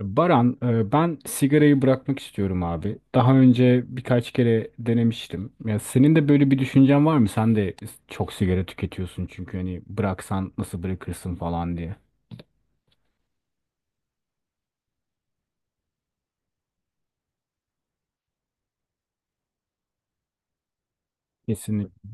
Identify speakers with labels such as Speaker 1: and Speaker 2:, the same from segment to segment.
Speaker 1: Baran, ben sigarayı bırakmak istiyorum abi. Daha önce birkaç kere denemiştim. Ya senin de böyle bir düşüncen var mı? Sen de çok sigara tüketiyorsun çünkü hani bıraksan nasıl bırakırsın falan diye. Kesinlikle.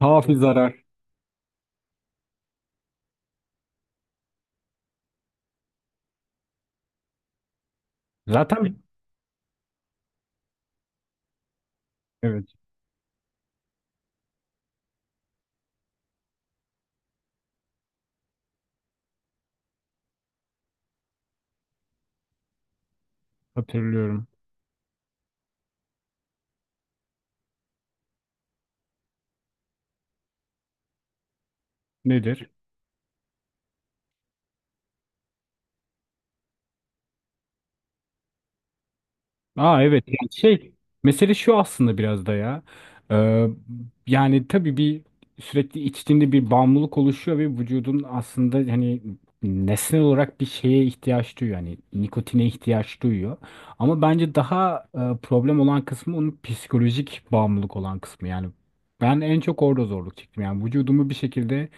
Speaker 1: Kafi zarar. Zaten evet, hatırlıyorum. Nedir? Aa, evet, yani şey mesele şu aslında biraz da ya, Ee, yani tabii bir sürekli içtiğinde bir bağımlılık oluşuyor ve vücudun aslında hani nesnel olarak bir şeye ihtiyaç duyuyor yani nikotine ihtiyaç duyuyor ama bence daha problem olan kısmı onun psikolojik bağımlılık olan kısmı yani ben en çok orada zorluk çektim yani vücudumu bir şekilde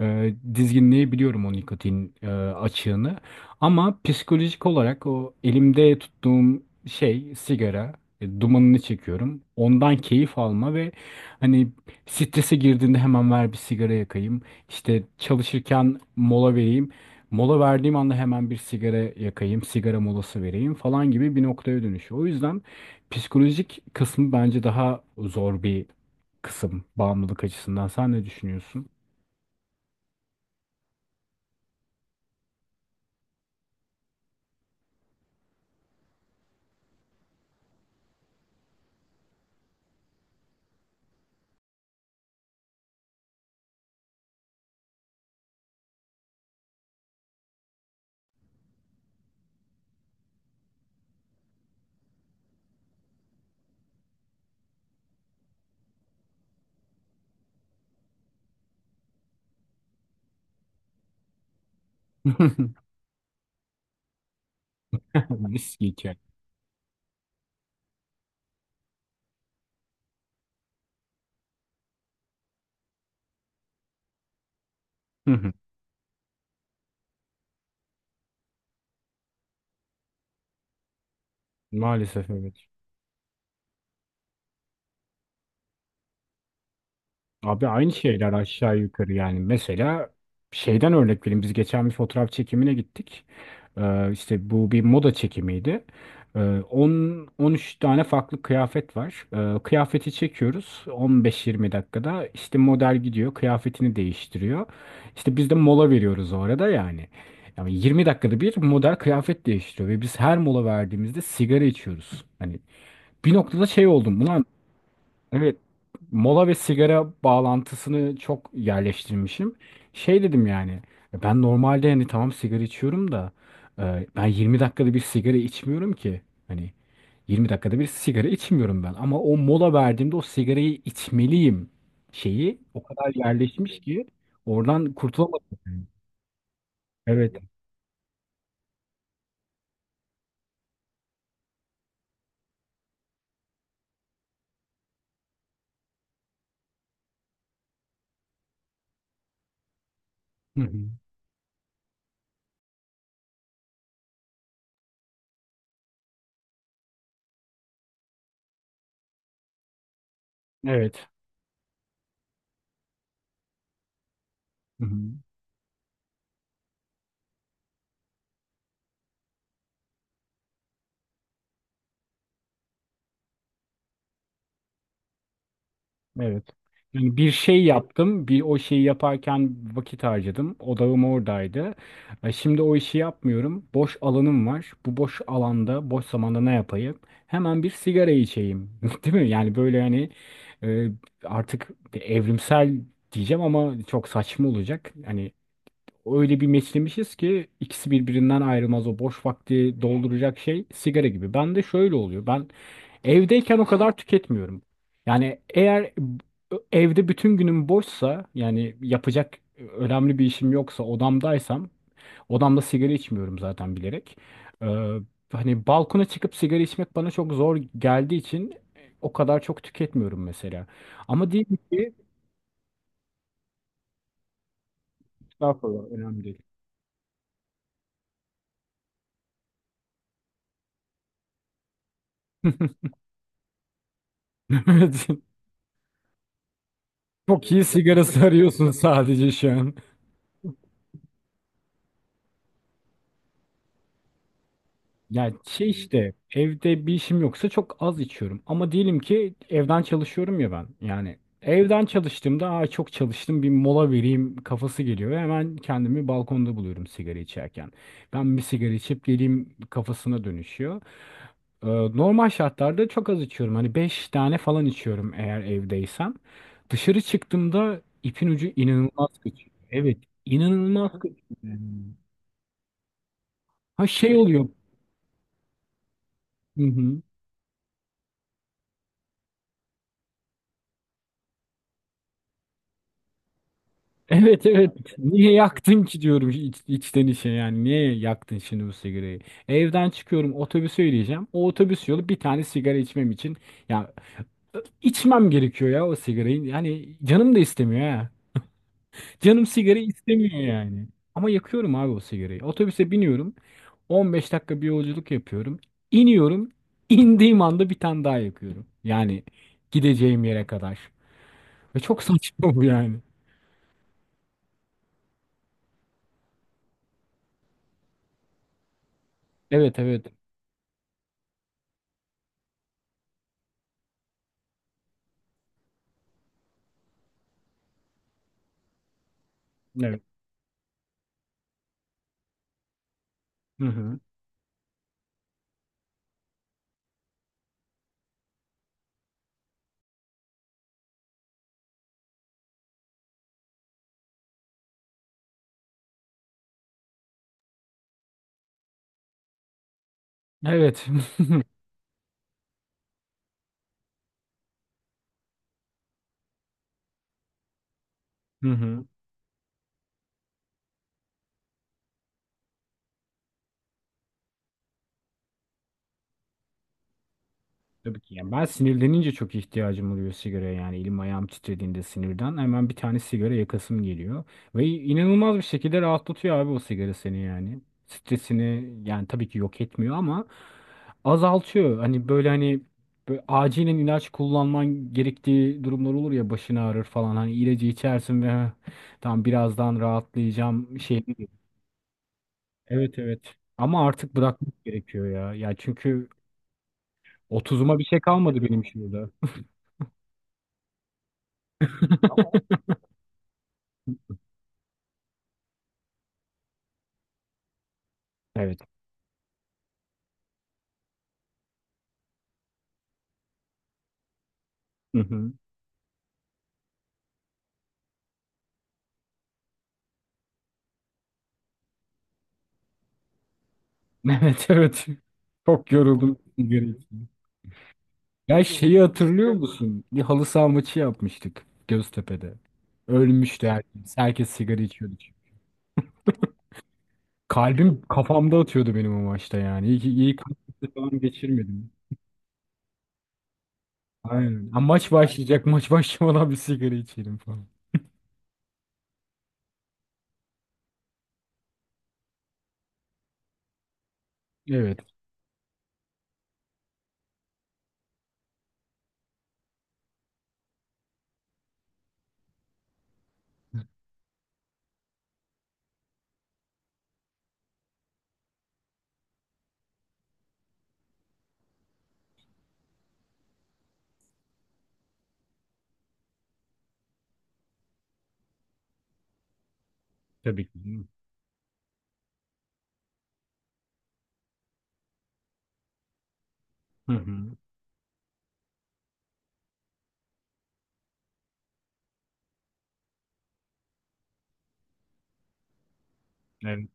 Speaker 1: dizginleyebiliyorum o nikotin açığını ama psikolojik olarak o elimde tuttuğum şey sigara, dumanını çekiyorum. Ondan keyif alma ve hani strese girdiğinde hemen ver bir sigara yakayım. İşte çalışırken mola vereyim. Mola verdiğim anda hemen bir sigara yakayım, sigara molası vereyim falan gibi bir noktaya dönüşüyor. O yüzden psikolojik kısmı bence daha zor bir kısım bağımlılık açısından. Sen ne düşünüyorsun? Viski içer. Hı hı. Maalesef evet. Abi, aynı şeyler aşağı yukarı yani. Mesela şeyden örnek vereyim. Biz geçen bir fotoğraf çekimine gittik. İşte bu bir moda çekimiydi. Ee, 10 13 tane farklı kıyafet var. Kıyafeti çekiyoruz 15-20 dakikada. İşte model gidiyor, kıyafetini değiştiriyor. İşte biz de mola veriyoruz o arada yani. Yani 20 dakikada bir model kıyafet değiştiriyor ve biz her mola verdiğimizde sigara içiyoruz. Hani bir noktada şey oldum. Ulan. Evet, mola ve sigara bağlantısını çok yerleştirmişim. Şey dedim yani, ben normalde hani tamam sigara içiyorum da ben 20 dakikada bir sigara içmiyorum ki. Hani 20 dakikada bir sigara içmiyorum ben ama o mola verdiğimde o sigarayı içmeliyim şeyi o kadar yerleşmiş ki oradan kurtulamadım. Evet. Hı hı. Evet. Hı hı. Evet. Yani bir şey yaptım, bir o şeyi yaparken vakit harcadım. Odağım oradaydı. Şimdi o işi yapmıyorum. Boş alanım var. Bu boş alanda, boş zamanda ne yapayım? Hemen bir sigara içeyim. Değil mi? Yani böyle hani e, artık bir evrimsel diyeceğim ama çok saçma olacak. Hani öyle bir meçlemişiz ki ikisi birbirinden ayrılmaz. O boş vakti dolduracak şey sigara gibi. Ben de şöyle oluyor. Ben evdeyken o kadar tüketmiyorum. Yani eğer evde bütün günüm boşsa yani yapacak önemli bir işim yoksa odamdaysam odamda sigara içmiyorum zaten bilerek. Ee, hani balkona çıkıp sigara içmek bana çok zor geldiği için o kadar çok tüketmiyorum mesela. Ama diyelim ki estağfurullah, önemli değil. Evet. Çok iyi sigarası arıyorsun sadece şu an. Ya şey işte evde bir işim yoksa çok az içiyorum. Ama diyelim ki evden çalışıyorum ya ben. Yani evden çalıştığımda aa, çok çalıştım bir mola vereyim kafası geliyor. Ve hemen kendimi balkonda buluyorum sigara içerken. Ben bir sigara içip geleyim kafasına dönüşüyor. Normal şartlarda çok az içiyorum. Hani 5 tane falan içiyorum eğer evdeysem. Dışarı çıktığımda ipin ucu inanılmaz kaçıyor. Evet, inanılmaz kaçıyor. Ha, şey oluyor. Hı hı. Evet, evet. Niye yaktın ki diyorum içten içe yani. Niye yaktın şimdi bu sigarayı? Evden çıkıyorum otobüse yürüyeceğim. O otobüs yolu bir tane sigara içmem için. Ya içmem gerekiyor ya o sigarayı. Yani canım da istemiyor ha. Canım sigara istemiyor yani. Ama yakıyorum abi o sigarayı. Otobüse biniyorum. 15 dakika bir yolculuk yapıyorum. İniyorum. İndiğim anda bir tane daha yakıyorum. Yani gideceğim yere kadar. Ve çok saçma bu yani. Evet, evet. Evet. Hı hı. Evet. Hı hı. Tabii ki. Yani ben sinirlenince çok ihtiyacım oluyor sigaraya yani elim ayağım titrediğinde sinirden hemen bir tane sigara yakasım geliyor. Ve inanılmaz bir şekilde rahatlatıyor abi o sigara seni yani. Stresini yani tabii ki yok etmiyor ama azaltıyor. Hani böyle hani böyle acilen ilaç kullanman gerektiği durumlar olur ya başın ağrır falan. Hani ilacı içersin ve "Heh, tamam, birazdan rahatlayacağım şey." Evet, evet. Ama artık bırakmak gerekiyor ya. Ya çünkü 30'uma bir şey kalmadı benim şurada. Evet. Hı hı. Evet, evet. Çok yoruldum gerekiyor. Ya şeyi hatırlıyor musun? Bir halı saha maçı yapmıştık Göztepe'de. Ölmüştü herkes. Herkes sigara içiyordu. Kalbim kafamda atıyordu benim o maçta yani. İyi ki kalp krizi falan geçirmedim. Aynen. Ha, maç başlayacak. Maç başlamadan bir sigara içelim falan. Evet. Tabii ki, değil mi? Hı hı. Evet.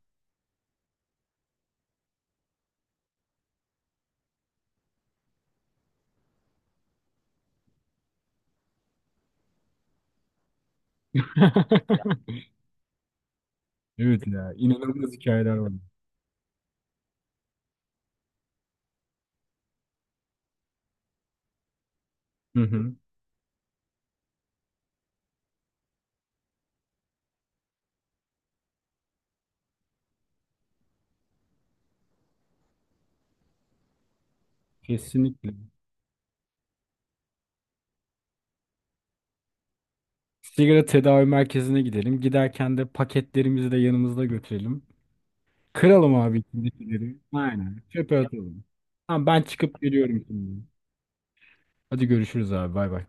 Speaker 1: Evet ya. İnanılmaz hikayeler var. Hı hı. Kesinlikle. Sigara tedavi merkezine gidelim. Giderken de paketlerimizi de yanımızda götürelim. Kıralım abi içindekileri. Aynen. Çöpe atalım. Tamam ben çıkıp geliyorum şimdi. Hadi görüşürüz abi. Bay bay.